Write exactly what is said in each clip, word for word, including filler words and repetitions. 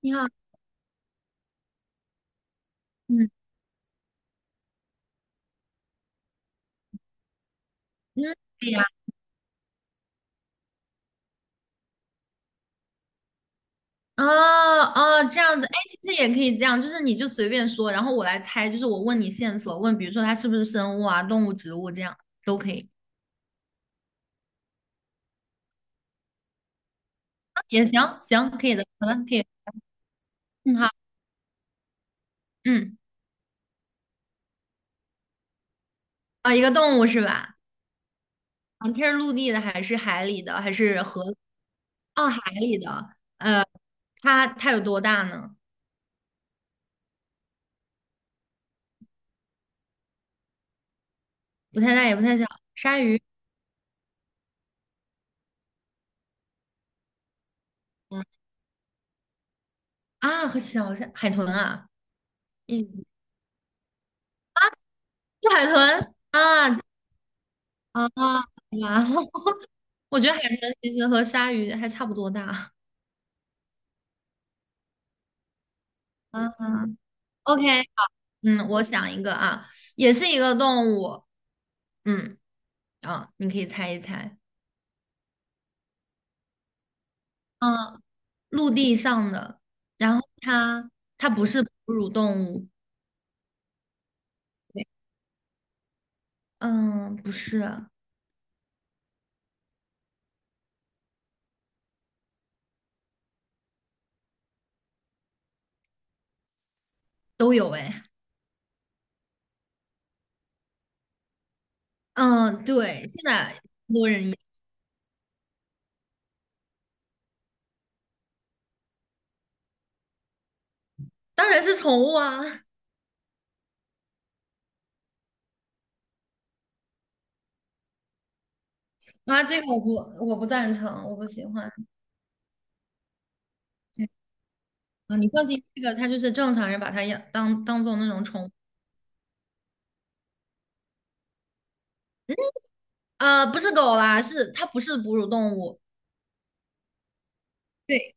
你好，嗯嗯，可以呀。哦哦，这样子，哎，其实也可以这样，就是你就随便说，然后我来猜，就是我问你线索，问比如说它是不是生物啊、动物、植物这样都可以。啊也行，行，可以的，好的，可以，嗯，好，嗯，啊，一个动物是吧？啊，它是陆地的还是海里的还是河？哦，海里的，呃，它它有多大呢？不太大也不太小，鲨鱼。嗯。啊，和小海豚啊。嗯，是海豚啊。啊啊！哇 我觉得海豚其实和鲨鱼还差不多大。啊，OK，嗯，我想一个啊，也是一个动物。嗯，啊，你可以猜一猜。嗯，陆地上的，然后它它不是哺乳动物。对，嗯，不是，都有哎。嗯，对，现在很多人也当然是宠物啊。啊，这个我不我不赞成，我不喜欢。对。啊，你放心，这个它就是正常人把它养当当做那种宠物。呃，不是狗啦，是它不是哺乳动物。对。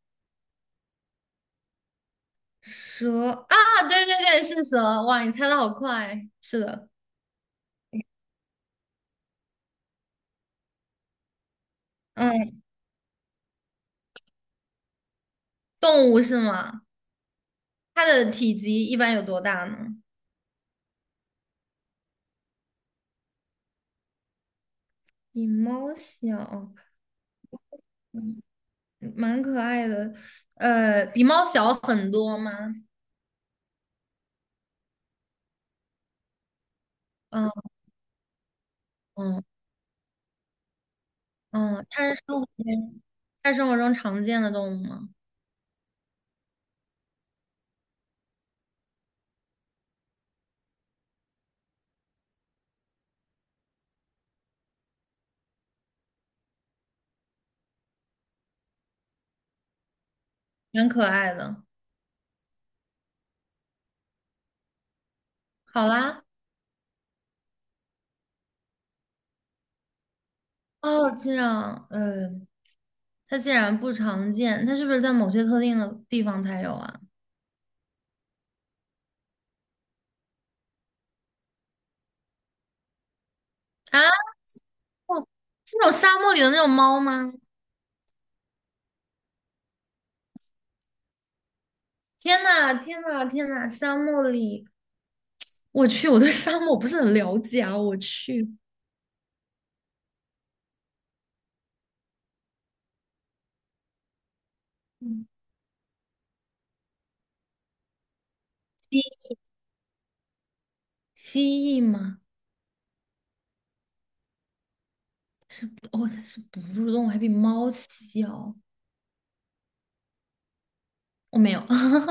蛇啊。对对对，是蛇。哇，你猜的好快，是的。嗯，动物是吗？它的体积一般有多大呢？比猫小。嗯，蛮可爱的，呃，比猫小很多吗？嗯嗯嗯，它是生活中它是生活中常见的动物吗？蛮可爱的，好啦，哦，这样，嗯。它竟然不常见，它是不是在某些特定的地方才有啊？啊，哦，是那种沙漠里的那种猫吗？天呐，天呐，天呐！沙漠里，我去，我对沙漠不是很了解啊，我去。嗯，蜥蜥蜴吗？是。哦，它是哺乳动物，还比猫小。我没有。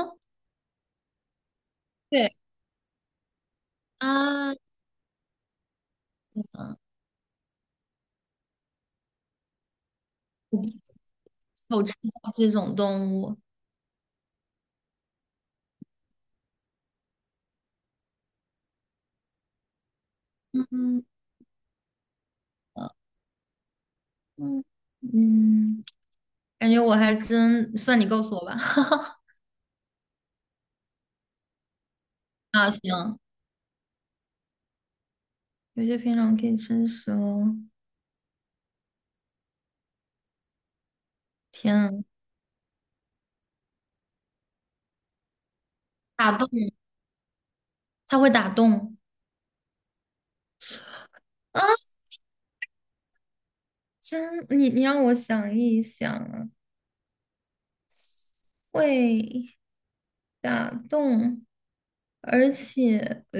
对。啊，我不我知道这种动物。嗯，呃嗯嗯，感觉我还真算你告诉我吧。啊，行，有些品种可以生食哦。天啊，打洞，它会打洞啊！真，你你让我想一想啊，会打洞，而且呃，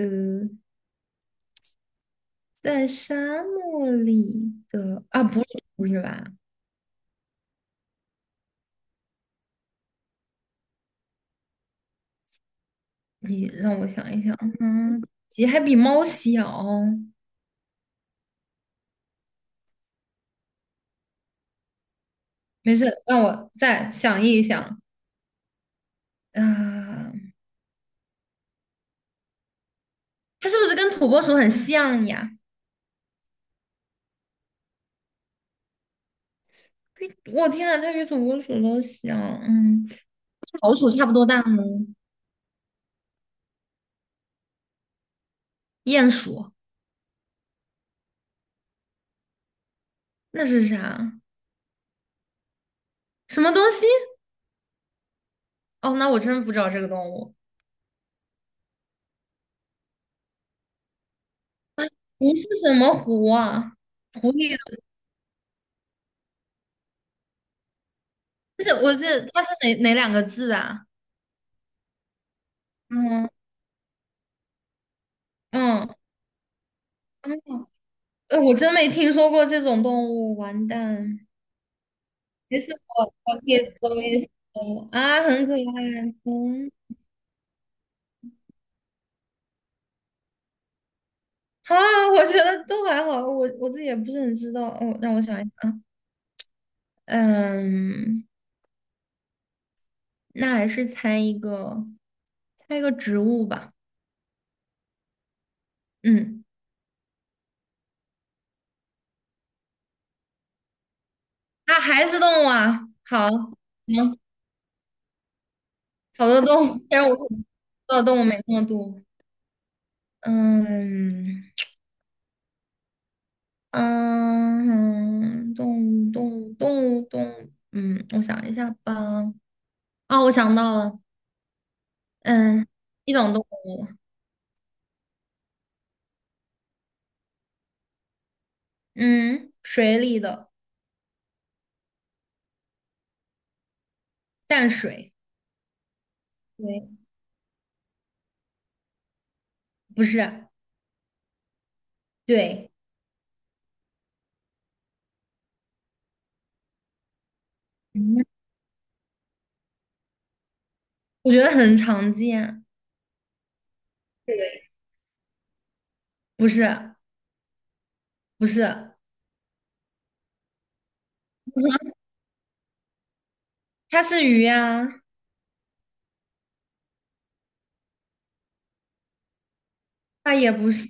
在沙漠里的啊，不是，不是吧？你让我想一想。嗯，鸡还比猫小。没事，让我再想一想啊，它是不是跟土拨鼠很像呀？比我天呐，它比土拨鼠都小，嗯。老鼠差不多大吗？鼹鼠。那是啥？什么东西？哦，那我真不知道这个动物。狐是什么狐啊？狐狸。不是，我是它是哪哪两个字啊？嗯嗯嗯，呃我真没听说过这种动物，完蛋。没事，我我可以搜一搜啊，很可爱，嗯。好啊，我觉得都还好，我我自己也不是很知道。哦，让我想一想啊。嗯，那还是猜一个，猜一个植物吧。嗯。啊，还是动物啊。好，行，好多动物，但是我可能知道动物没那么多。嗯嗯，动物动物动物动物，嗯，我想一下吧。啊，我想到了。嗯，一种动物。嗯，水里的。淡水，对，不是，对。嗯我觉得很常见。对，不是，不是。它是鱼呀、它也不是。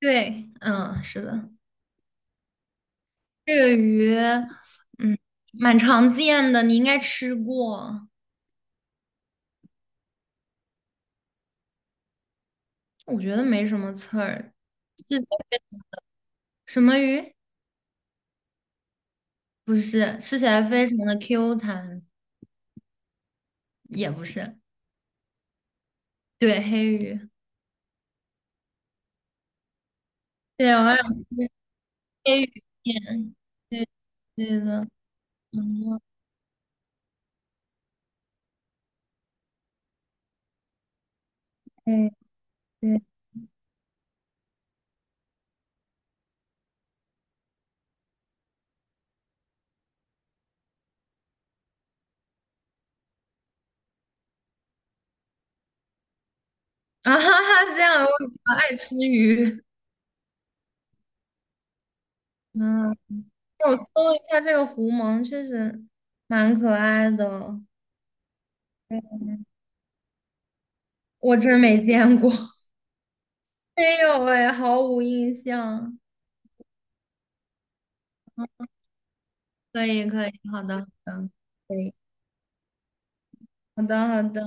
对，嗯，是的。这个鱼，嗯，蛮常见的，你应该吃过。我觉得没什么刺儿。吃起来非什么鱼？不是，吃起来非常的 Q 弹，也不是。对，黑鱼。对，我想吃黑鱼片。对，对的，嗯，对对，啊哈哈，这样我比较爱吃鱼。嗯。我搜了一下这个狐獴，确实蛮可爱的。我真没见过。没有哎，毫无印象。可以，可以，好的，好的，可以，好的，好的。